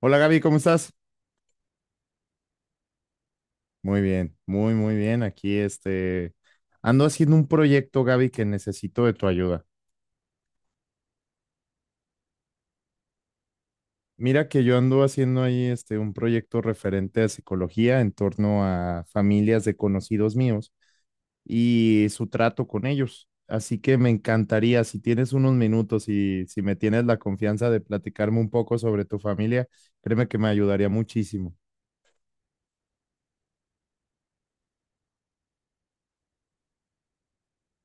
Hola Gaby, ¿cómo estás? Muy bien, muy, muy bien. Aquí ando haciendo un proyecto, Gaby, que necesito de tu ayuda. Mira que yo ando haciendo ahí un proyecto referente a psicología en torno a familias de conocidos míos y su trato con ellos. Así que me encantaría, si tienes unos minutos y si me tienes la confianza de platicarme un poco sobre tu familia, créeme que me ayudaría muchísimo.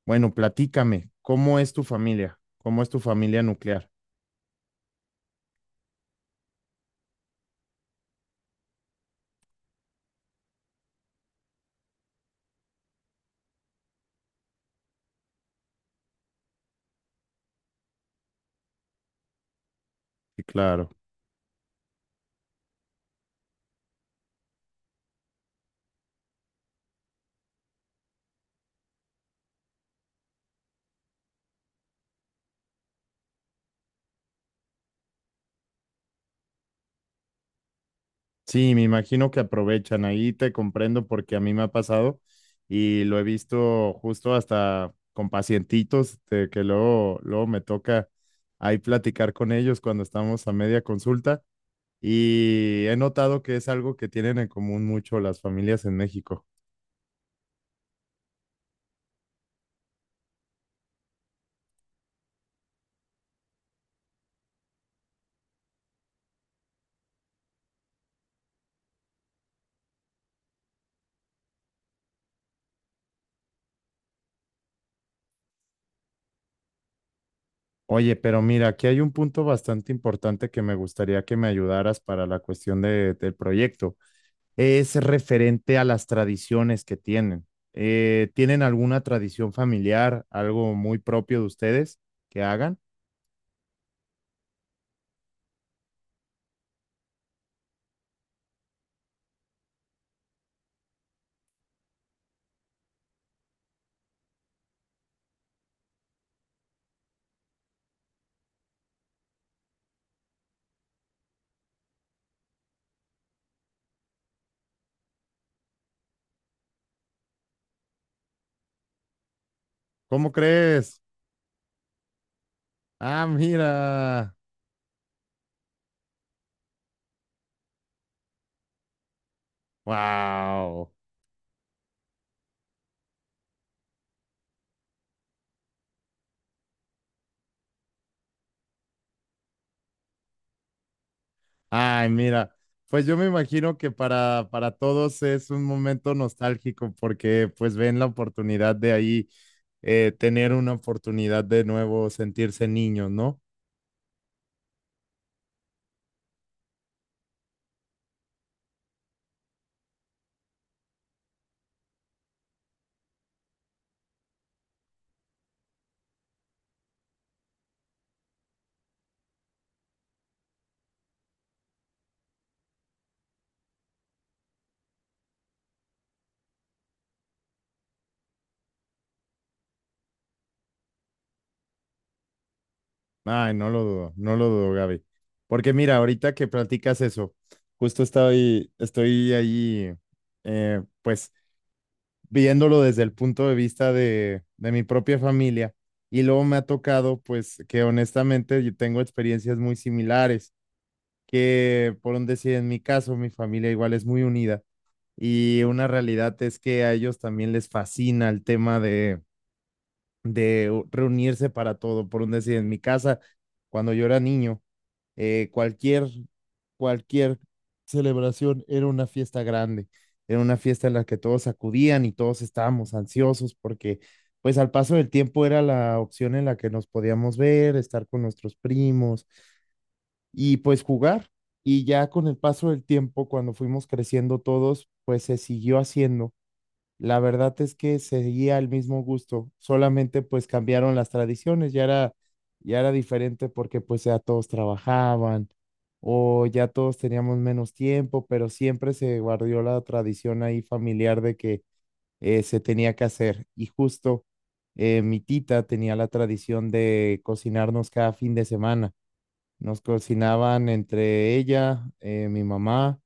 Bueno, platícame, ¿cómo es tu familia? ¿Cómo es tu familia nuclear? Sí, claro. Sí, me imagino que aprovechan. Ahí te comprendo porque a mí me ha pasado y lo he visto justo hasta con pacientitos de que luego, luego me toca ahí platicar con ellos cuando estamos a media consulta y he notado que es algo que tienen en común mucho las familias en México. Oye, pero mira, aquí hay un punto bastante importante que me gustaría que me ayudaras para la del proyecto. Es referente a las tradiciones que tienen. ¿Tienen alguna tradición familiar, algo muy propio de ustedes que hagan? ¿Cómo crees? Ah, mira. Wow. Ay, mira. Pues yo me imagino que para todos es un momento nostálgico porque pues ven la oportunidad de ahí tener una oportunidad de nuevo sentirse niños, ¿no? Ay, no lo dudo, no lo dudo, Gaby. Porque mira, ahorita que platicas eso, justo estoy ahí, pues, viéndolo desde el punto de vista de mi propia familia. Y luego me ha tocado, pues, que honestamente yo tengo experiencias muy similares, que por un decir, en mi caso, mi familia igual es muy unida. Y una realidad es que a ellos también les fascina el tema de reunirse para todo. Por un decir, en mi casa, cuando yo era niño, cualquier, cualquier celebración era una fiesta grande, era una fiesta en la que todos acudían y todos estábamos ansiosos porque pues al paso del tiempo era la opción en la que nos podíamos ver, estar con nuestros primos y pues jugar. Y ya con el paso del tiempo, cuando fuimos creciendo todos, pues se siguió haciendo. La verdad es que seguía el mismo gusto, solamente pues cambiaron las tradiciones, ya era diferente porque pues ya todos trabajaban o ya todos teníamos menos tiempo, pero siempre se guardó la tradición ahí familiar de que se tenía que hacer. Y justo mi tita tenía la tradición de cocinarnos cada fin de semana. Nos cocinaban entre ella, mi mamá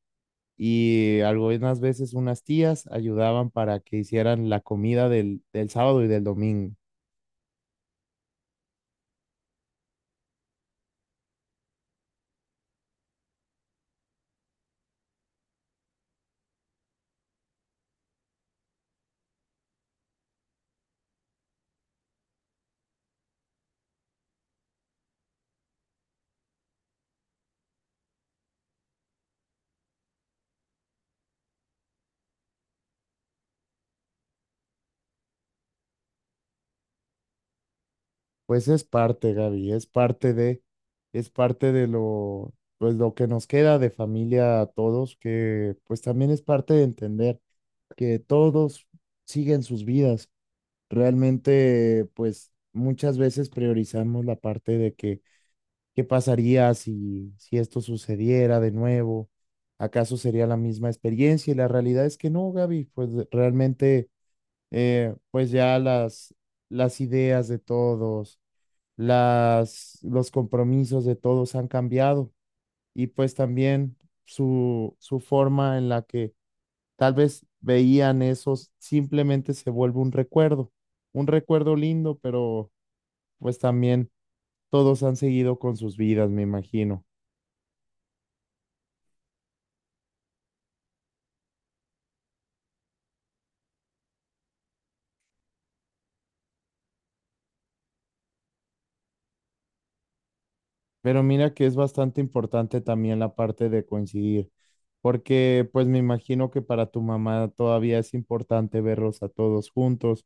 y algunas veces unas tías ayudaban para que hicieran la comida del, del sábado y del domingo. Pues es parte, Gaby, es parte de lo, pues lo que nos queda de familia a todos, que pues también es parte de entender que todos siguen sus vidas. Realmente, pues muchas veces priorizamos la parte de que ¿qué pasaría si, si esto sucediera de nuevo? ¿Acaso sería la misma experiencia? Y la realidad es que no, Gaby, pues realmente, pues ya las ideas de todos, las, los compromisos de todos han cambiado y pues también su forma en la que tal vez veían esos simplemente se vuelve un recuerdo lindo, pero pues también todos han seguido con sus vidas, me imagino. Pero mira que es bastante importante también la parte de coincidir, porque pues me imagino que para tu mamá todavía es importante verlos a todos juntos,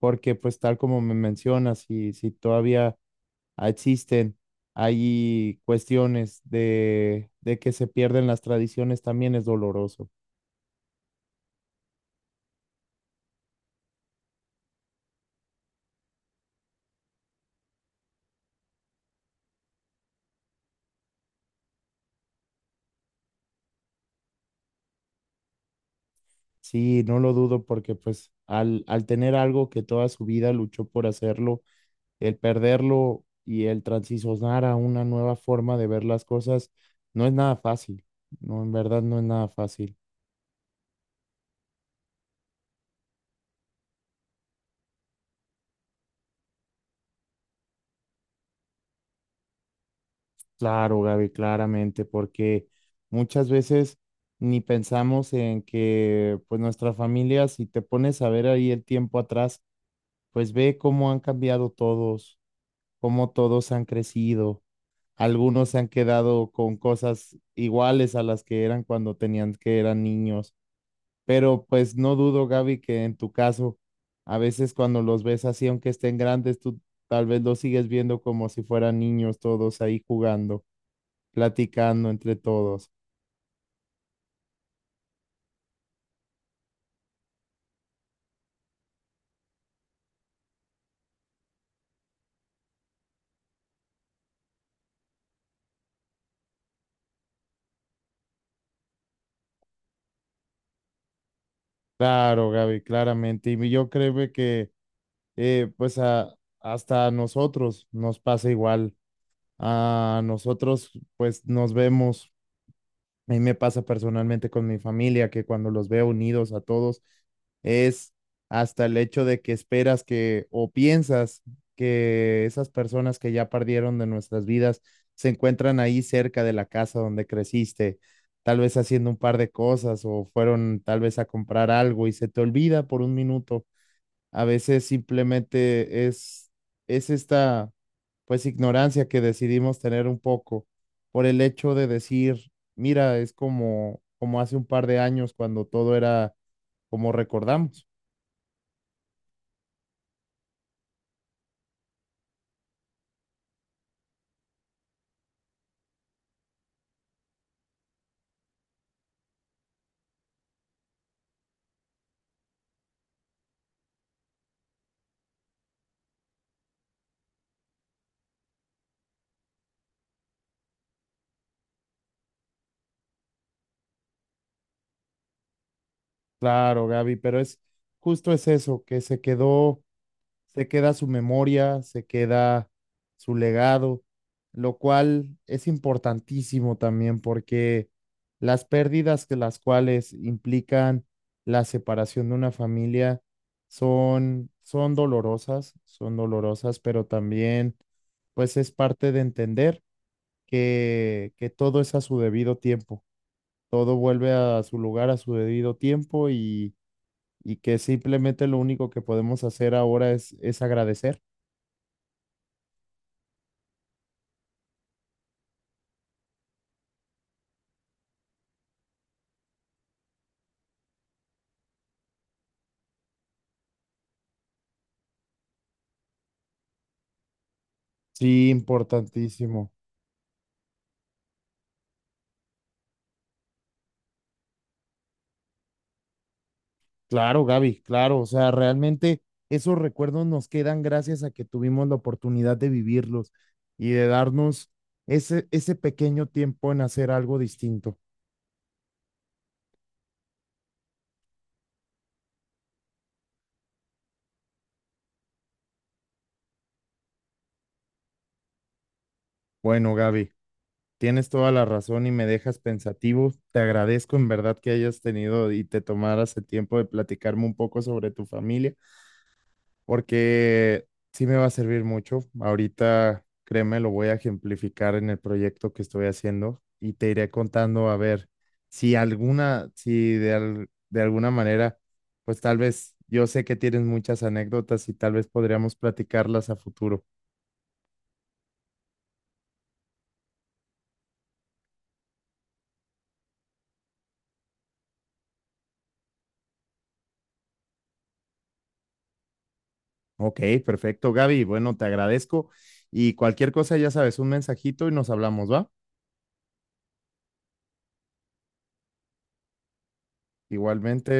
porque pues tal como me mencionas, si, si todavía existen, hay cuestiones de que se pierden las tradiciones, también es doloroso. Sí, no lo dudo porque pues al, al tener algo que toda su vida luchó por hacerlo, el perderlo y el transicionar a una nueva forma de ver las cosas no es nada fácil. No, en verdad no es nada fácil. Claro, Gaby, claramente, porque muchas veces ni pensamos en que pues nuestra familia, si te pones a ver ahí el tiempo atrás, pues ve cómo han cambiado todos, cómo todos han crecido. Algunos se han quedado con cosas iguales a las que eran cuando tenían que eran niños. Pero pues no dudo, Gaby, que en tu caso, a veces cuando los ves así, aunque estén grandes, tú tal vez los sigues viendo como si fueran niños todos ahí jugando, platicando entre todos. Claro, Gaby, claramente. Y yo creo que pues a, hasta a nosotros nos pasa igual. A nosotros pues nos vemos. A mí me pasa personalmente con mi familia que cuando los veo unidos a todos es hasta el hecho de que esperas que o piensas que esas personas que ya perdieron de nuestras vidas se encuentran ahí cerca de la casa donde creciste, tal vez haciendo un par de cosas o fueron tal vez a comprar algo y se te olvida por un minuto. A veces simplemente es esta, pues, ignorancia que decidimos tener un poco por el hecho de decir, mira, es como, como hace un par de años cuando todo era como recordamos. Claro, Gaby, pero es justo es eso, que se quedó. Se queda su memoria, se queda su legado, lo cual es importantísimo también porque las pérdidas que las cuales implican la separación de una familia son, son dolorosas, pero también pues es parte de entender que todo es a su debido tiempo, todo vuelve a su lugar a su debido tiempo y que simplemente lo único que podemos hacer ahora es agradecer. Sí, importantísimo. Claro, Gaby, claro. O sea, realmente esos recuerdos nos quedan gracias a que tuvimos la oportunidad de vivirlos y de darnos ese, ese pequeño tiempo en hacer algo distinto. Bueno, Gaby, tienes toda la razón y me dejas pensativo. Te agradezco en verdad que hayas tenido y te tomaras el tiempo de platicarme un poco sobre tu familia. Porque sí me va a servir mucho. Ahorita, créeme, lo voy a ejemplificar en el proyecto que estoy haciendo y te iré contando a ver si alguna, si de, al- de alguna manera, pues tal vez yo sé que tienes muchas anécdotas y tal vez podríamos platicarlas a futuro. Ok, perfecto, Gaby. Bueno, te agradezco y cualquier cosa, ya sabes, un mensajito y nos hablamos, ¿va? Igualmente.